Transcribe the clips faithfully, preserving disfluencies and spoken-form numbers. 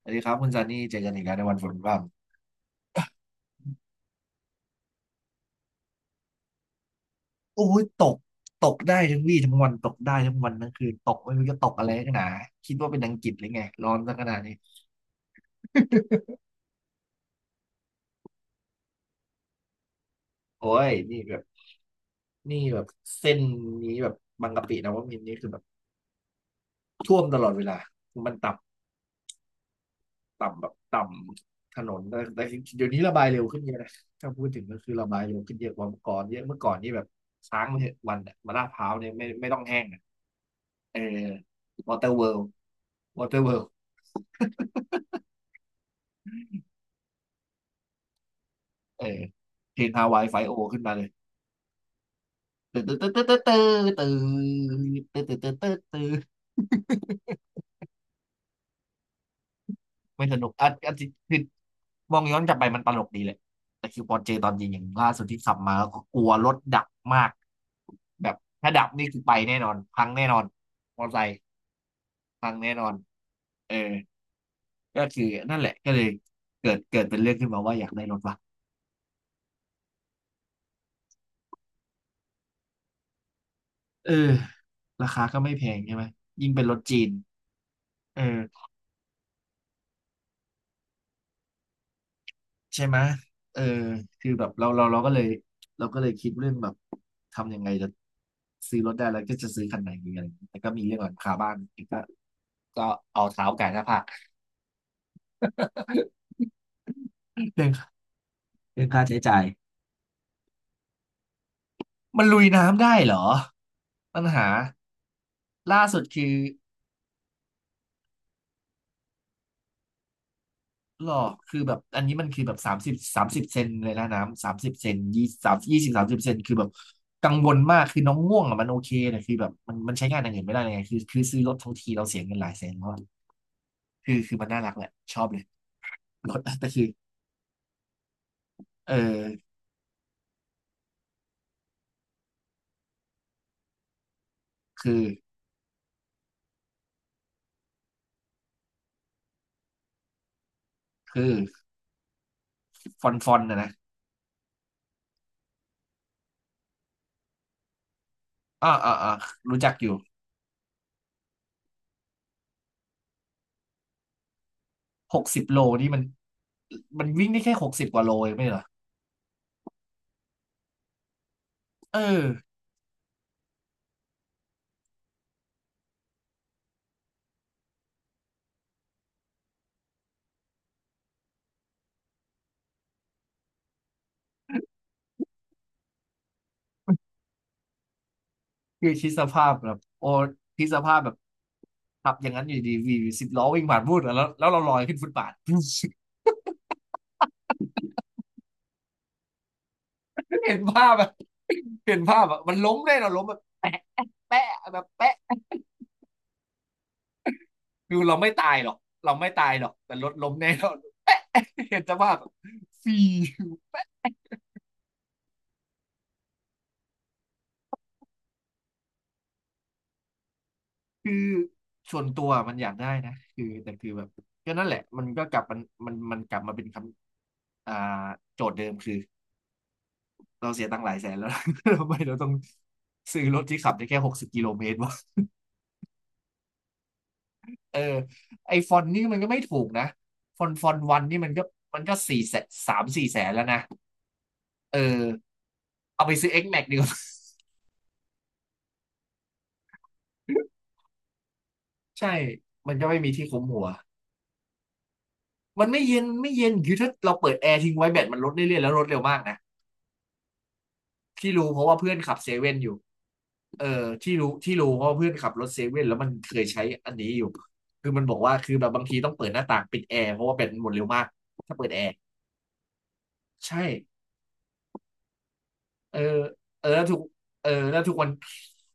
สวัสดีครับคุณซันนี่เจอกันอีกแล้วในวันฝนพรำโอ้ยตกตกได้ทั้งวี่ทั้งวันตกได้ทั้งวันทั้งคืนตกไม่รู้จะตกอะไรนักหนาคิดว่าเป็นอังกฤษหรือไงร้อนซะขนาดนี้โอ้ยนี่แบบนี่แบบเส้นนี้แบบบางกะปินะว่ามินทร์นี่คือแบบท่วมตลอดเวลามันต่ำต่ำแบบต่ำถนนแต่แต่เดี๋ยวนี้ระบายเร็วขึ้นเยอะนะถ้าพูดถึงก็คือระบายเร็วขึ้นเยอะกว่าเมื่อก่อนเยอะเมื่อก่อนนี่แบบค้างไปเถอะวันอะมาลาดพร้าวเนี่ยไม่ไม่ต้องแห้งอะเออวอเตอร์เวิลด์วอเตอร์เวิล เออเพลงฮาวายไฟโอขึ้นมาเลยตื่นตื่นตื่นตื่นตื่นตื่นตื่นตื่นตื่นตื่นตื่นไม่สนุกอ่ะอ่ะจริคือมองย้อนกลับไปมันตลกดีแหละแต่คิวปอนเจตอนยิงอย่างล่าสุดที่ขับมาก็กลัวรถดับมากแบบถ้าดับนี่คือไปแน่นอนพังแน่นอนมอเตอร์ไซค์พังแน่นอนเออก็คือนั่นแหละก็เลยเกิดเกิดเป็นเรื่องขึ้นมาว่าอยากได้รถว่ะเออราคาก็ไม่แพงใช่ไหมยิ่งเป็นรถจีนเออ ใช่ไหมเออคือแบบเราเราเราก็เลยเราก็เลยคิดเรื่องแบบทำยังไงจะซื้อรถได้แล้วก็จะซื้อคันไหนดีอะไรอย่างเงี้ยแต่ก็มีเรื่องหลังคาบ้านอีกก็ก็เอาเท้าไก่หน้าผาก เรื่องเรื่องค่าใช้จ่ายมันลุยน้ำได้เหรอปัญหาล่าสุดคือหรอคือแบบอันนี้มันคือแบบสามสิบสามสิบเซนเลยนะน้ำสามสิบเซนยี่สามยี่สิบสามสิบเซนคือแบบกังวลมากคือน้องง่วงอ่ะมันโอเคนะคือแบบมันมันใช้งานอย่างอื่นไม่ได้เลยไงคือคือซื้อรถทั้งทีเราเสียเงินหลายแสนแล้ว คือคือมันน่ารักแหละชอบเลยรถ แต่คือเออคือคือฟอนฟอนนะนะอ่าอ่าอ่ารู้จักอยู่หกสิบโลนี่มันมันวิ่งได้แค่หกสิบกว่าโลเองไม่เหรอเออคือคิดสภาพแบบโอ้คิดสภาพแบบขับอย่างนั้นอยู่ดีวีสิบล้อวิ่งผ่านพูดแล้วแล้วเราลอยขึ้นฟุตบาท เห็นภาพแบบเห็นภาพแบบมันล้มแน่เราล้มแบบแปะแปะแบบแปะคือเราไม่ตายหรอกเราไม่ตายหรอกแต่รถล้มแน่นรา แปะเห็นสภาพแบบฟรี คือส่วนตัวมันอยากได้นะคือแต่คือแบบก็นั่นแหละมันก็กลับมันมันมันกลับมาเป็นคำอ่าโจทย์เดิมคือเราเสียตังค์หลายแสนแล้ว ทำไมเราต้องซื้อรถที่ขับได้แค่หกสิบกิโลเมตรวะเออไอฟอนต์นี่มันก็ไม่ถูกนะฟอนต์ฟอนต์วันนี่มันก็มันก็สี่แสนสามสี่แสนแล้วนะเออเอาไปซื้อ X-Max ดีกว่า ใช่มันก็ไม่มีที่คุมหัวมันไม่เย็นไม่เย็นคือถ้าเราเปิดแอร์ทิ้งไว้แบตมันลดเรื่อยๆแล้วลดเร็วมากนะ ที่รู้เพราะว่าเพื่อนขับเซเว่นอยู่เออที่รู้ที่รู้เพราะว่าเพื่อนขับรถเซเว่นแล้วมันเคยใช้อันนี้อยู่คือมันบอกว่าคือแบบบางทีต้องเปิดหน้าต่างปิดแอร์เพราะว่าแบตมันหมดเร็วมากถ้าเปิดแอร์ใช่เออเออแล้วทุกเออแล้วทุกวัน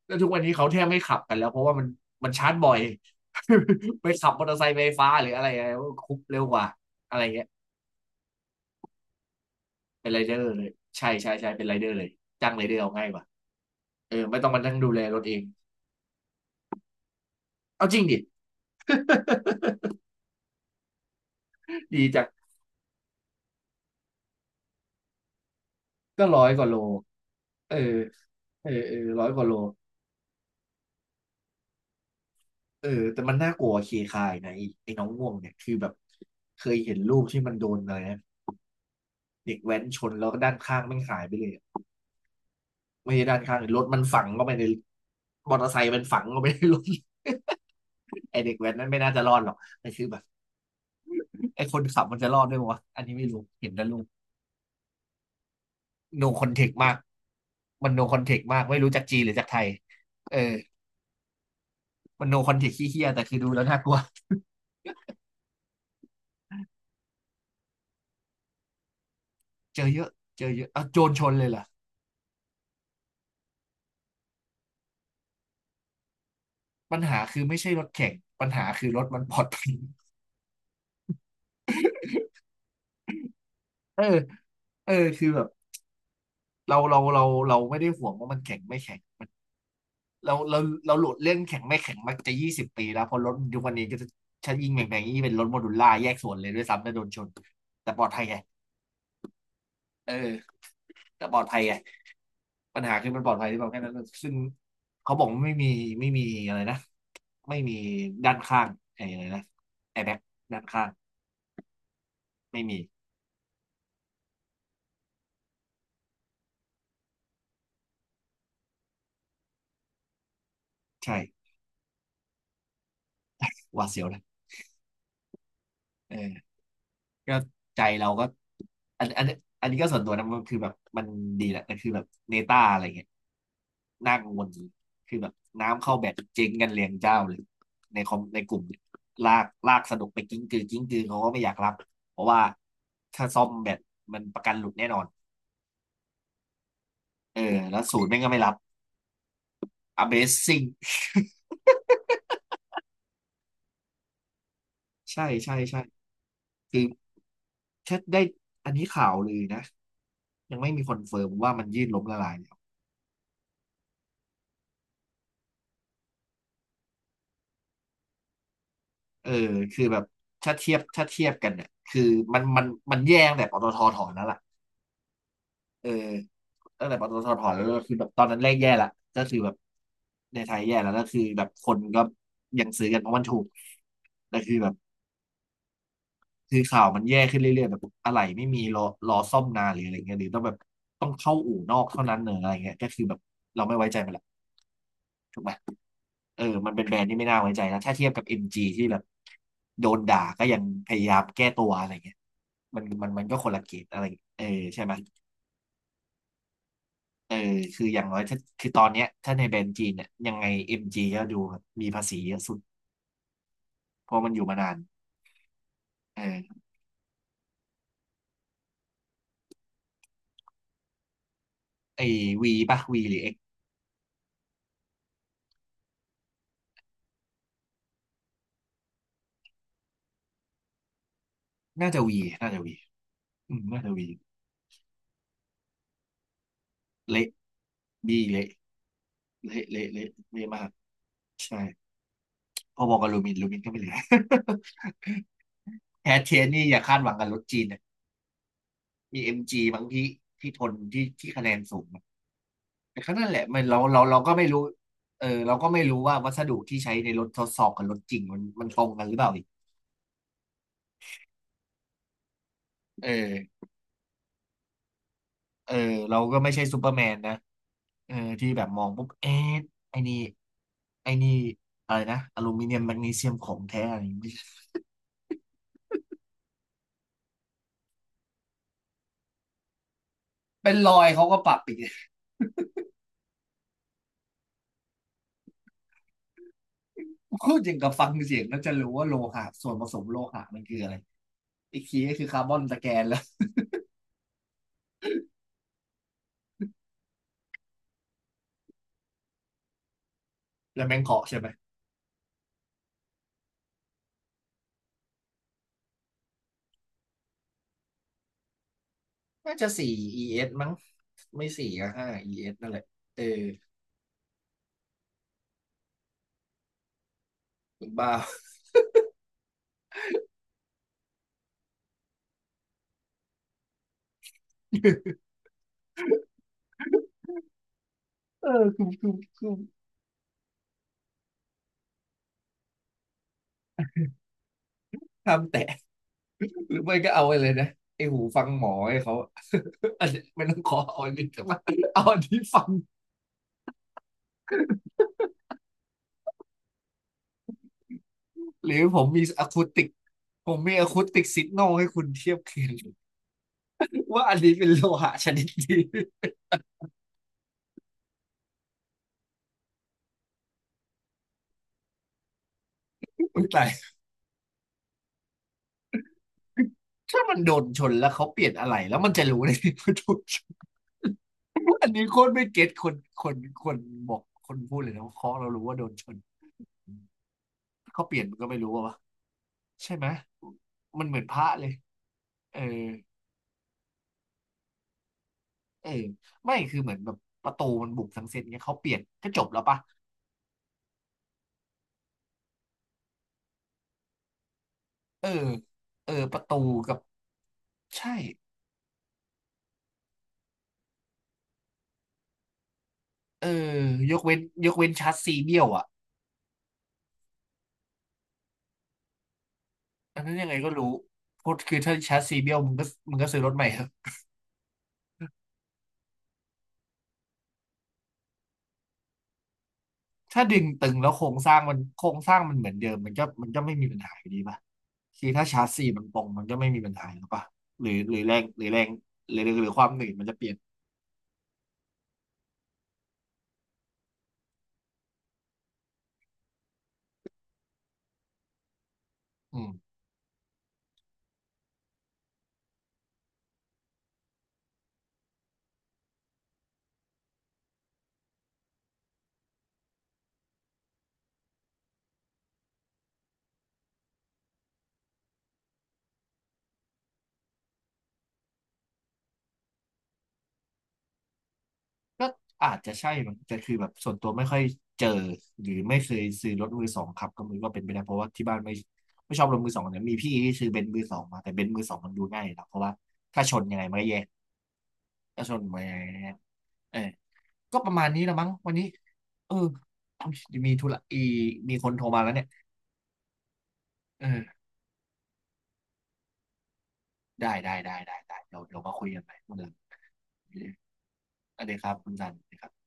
แล้วทุกวันนี้เขาแทบไม่ขับกันแล้วเพราะว่ามันมันชาร์จบ่อย ไปขับมอเตอร์ไซค์ไฟฟ้าหรืออะไรอะไรคุบเร็วกว่าอะไรเงี้ยเป็นไรเดอร์เลยใช่ใช่ใช่เป็นไรเดอร์เลยจ้างไรเดอร์เอาง่ายกว่าเออไม่ต้องมานั่งดูแลรถเองเอาจริงดิ ดีจัง ก็ร้อยกว่าโลเออเออเออร้อยกว่าโลเออแต่มันน่ากลัวเคคายนะไอ้ไอ้น้องง่วงเนี่ยคือแบบเคยเห็นรูปที่มันโดนอะไรนะเด็กแว้นชนแล้วก็ด้านข้างมันหายไปเลยอะไม่ใช่ด้านข้างรถมันฝังเข้าไปในมอเตอร์ไซค์มันฝังเข้าไปในรถ ไอเด็กแว้นนั้นไม่น่าจะรอดหรอกแต่คือแบบไอคนขับมันจะรอดด้วยวะอันนี้ไม่รู้เห็นแต่รูปโนคอนเทคมากมันโนคอนเทคมากไม่รู้จากจีนหรือจากไทยเออมันโนคอนเทคขี้เหี้ยแต่คือดูแล้วน่ากลัวเจอเยอะเจอเยอะเอาโจรชนเลยเหรอ ปัญหาคือไม่ใช่รถแข่งปัญหาคือรถมันปลอดภัยเออเออคือแบบเราเราเราเราไม่ได้ห่วงว่ามันแข่งไม่แข่งเราเราเราหลุดเรื่องแข่งไม่แข่งมาจะยี่สิบปีแล้วเพราะรถยุควันนี้ก็จะชันยิงแบ่งแบ่งนี่เป็นรถโมดูล่าแยกส่วนเลยด้วยซ้ำแตโดนชนแต่ปลอดภัยไงเออแต่ปลอดภัยไงปัญหาคือมันปลอดภัยที่แบบแค่นั้นซึ่งเขาบอกว่าไม่มีไม่มีอะไรนะไม่มีด้านข้างไอ้อะไรนะแอร์แบ็กด้านข้างไม่มีใช่หวาดเสียวนะเออ ก็ใจเราก็อันอันอันนี้ก็ส่วนตัวนะมันคือแบบมันดีแหละแต่คือแบบเนต้าอะไรเงี้ยน่ากังวลจริงคือแบบน้ำเข้าแบบเจ๊งกันเรียงเจ้าเลยในคอมในกลุ่มเนี่ยลากลากสนุกไปกิ้งกือกิ้งกือเขาก็ไม่อยากรับเพราะว่าถ้าซ่อมแบบมันประกันหลุดแน่นอนเออแล้วศูนย์แม่งก็ไม่รับ Amazing ใช่ใช่ใช่คือถ้าได้อันนี้ข่าวเลยนะยังไม่มีคอนเฟิร์มว่ามันยืดล้มละลาย เออคือแบบถ้าเทียบถ้าเทียบกันเนี่ยคือมันมันมันแย่ตั้งแต่ปตทถอนแล้วล่ะเออตั้งแต่ปตทถอนแล้วก็คือแบบตอนนั้นแรกแย่ละก็คือแบบในไทยแย่แล้วก็คือแบบคนก็ยังซื้อกันเพราะมันถูกแต่คือแบบคือข่าวมันแย่ขึ้นเรื่อยๆแบบอะไรไม่มีรอรอซ่อมนานหรืออะไรเงี้ยหรือต้องแบบต้องเข้าอู่นอกเท่านั้นเนอะอะไรเงี้ยก็คือแบบเราไม่ไว้ใจมันละถูกไหม เออมันเป็นแบรนด์ที่ไม่น่าไว้ใจนะถ้าเทียบกับ เอ็ม จี ที่แบบโดนด่าก็ยังพยายามแก้ตัวอะไรเงี้ยมันมันมันก็คนละเกรดอะไรเออใช่ไหมเออคืออย่างน้อยถ้าคือตอนเนี้ยถ้าในแบรนด์จีนเนี่ยยังไง เอ็ม จี ก็ดูมีภาษีเยอะสุด เพราะมันอยู่มานานเออไอ้ V ป่ะ V หรือ X น่าจะ V น่าจะ V อืมน่าจะ V เละ B เละ เละเละเละเละมากใช่พอบอกกับลูมินลูมินก็ไม่เหลือ แอดเทนนี่อย่าคาดหวังกับรถจีนนะ มีเอ็มจีบางที่ที่ทนที่ที่คะแนนสูงอะแต่ก็นั่นแหละมันเราเราเราก็ไม่รู้เออเราก็ไม่รู้ว่าวัสดุที่ใช้ในรถทดสอบกับรถจริงมันมันตรงกันหรือเปล่าอีกเออเออเราก็ไม่ใช่ซูเปอร์แมนนะเออที่แบบมองปุ๊บเอ๊ะไอ้นี่ไอ้นี่อะไรนะอลูมิเนียมแมกนีเซียมของแท้อะไรอย่างงี้ไม่ใช่เป็นรอยเขาก็ปรับอีก พูดอย่างกับฟังเสียงแล้วจะรู้ว่าโลหะส่วนผสมโลหะมันคืออะไรอีกทีก็คือคาร์บอนตะแกนแล้วแล้วแมงเคาะใช่ไหม น่าจะสี่ อี เอส มั้งไม่สี่ก็ห้า อี เอส นั่นแหละเออคุณบ้า เออคือคือคือทำแต่หรือไม่ก็เอาไปเลยนะไอหูฟังหมอให้เขา อันนี้ไม่ต้องขอเอาอันนี้แต่ว่าเอาอันที่ฟังหรือผมมีอะคูติกผมมีอะคูติกซิกนอลให้คุณเทียบเคียงว่าอันนี้เป็นโลหะชนิดดี อุ๊ยตายถ้ามันโดนชนแล้วเขาเปลี่ยนอะไรแล้วมันจะรู้ได้ไงว่าโดนช อันนี้โคตรไม่เก็ตคนคนคนบอกคนพูดเลยนะว่าเคาะเรารู้ว่าโดนชนเขาเปลี่ยนมันก็ไม่รู้อะวะใช่ไหมมันเหมือนพระเลยเออเออไม่คือเหมือนแบบประตูมันบุกทั้งเซตเงี้ยเขาเปลี่ยนก็จบแล้วปะเออเออประตูกับใช่เออยกเว้นยกเว้นชาร์จซีเบี้ยวอ่ะอันนั้นยังไงก็รู้พดคือถ้าชาร์จซีเบี้ยวมึงก็มึงก็ซื้อรถใหม่เถอะถ้าดึงตึงแล้วโครงสร้างมันโครงสร้างมันเหมือนเดิมมันก็มันก็ไม่มีปัญหาอยู่ดีป่ะ คือถ้าชาร์จสี่มันตรงมันก็ไม่มีปัญหาหรอปะหรือหรือแรงหรือแรงหรือหรือความหนืดมันจะเปลี่ยนอืมก็อาจจะใช่มั้งแต่คือแบบส่วนตัวไม่ค่อยเจอหรือไม่เคยซื้อรถมือสองขับก็มือก็เป็นไปได้เพราะว่าที่บ้านไม่ไม่ชอบรถมือสองเนี่ยมีพี่ที่ซื้อเบนซ์มือสองมาแต่เบนซ์มือสองมันดูง่ายนะเพราะว่าถ้าชนยังไงมันก็แยกถ้าชนมันยังไงมันก็แยกเออก็ประมาณนี้ละมั้งวันนี้เออมีธุระอีมีคนโทรมาแล้วเนี่ยเออได้ได้ได้ได้ได้เดี๋ยวเดี๋ยวมาคุยกันใหม่เมื่อไหร่ สวัสดีครับคุณสันสวัสดีครับ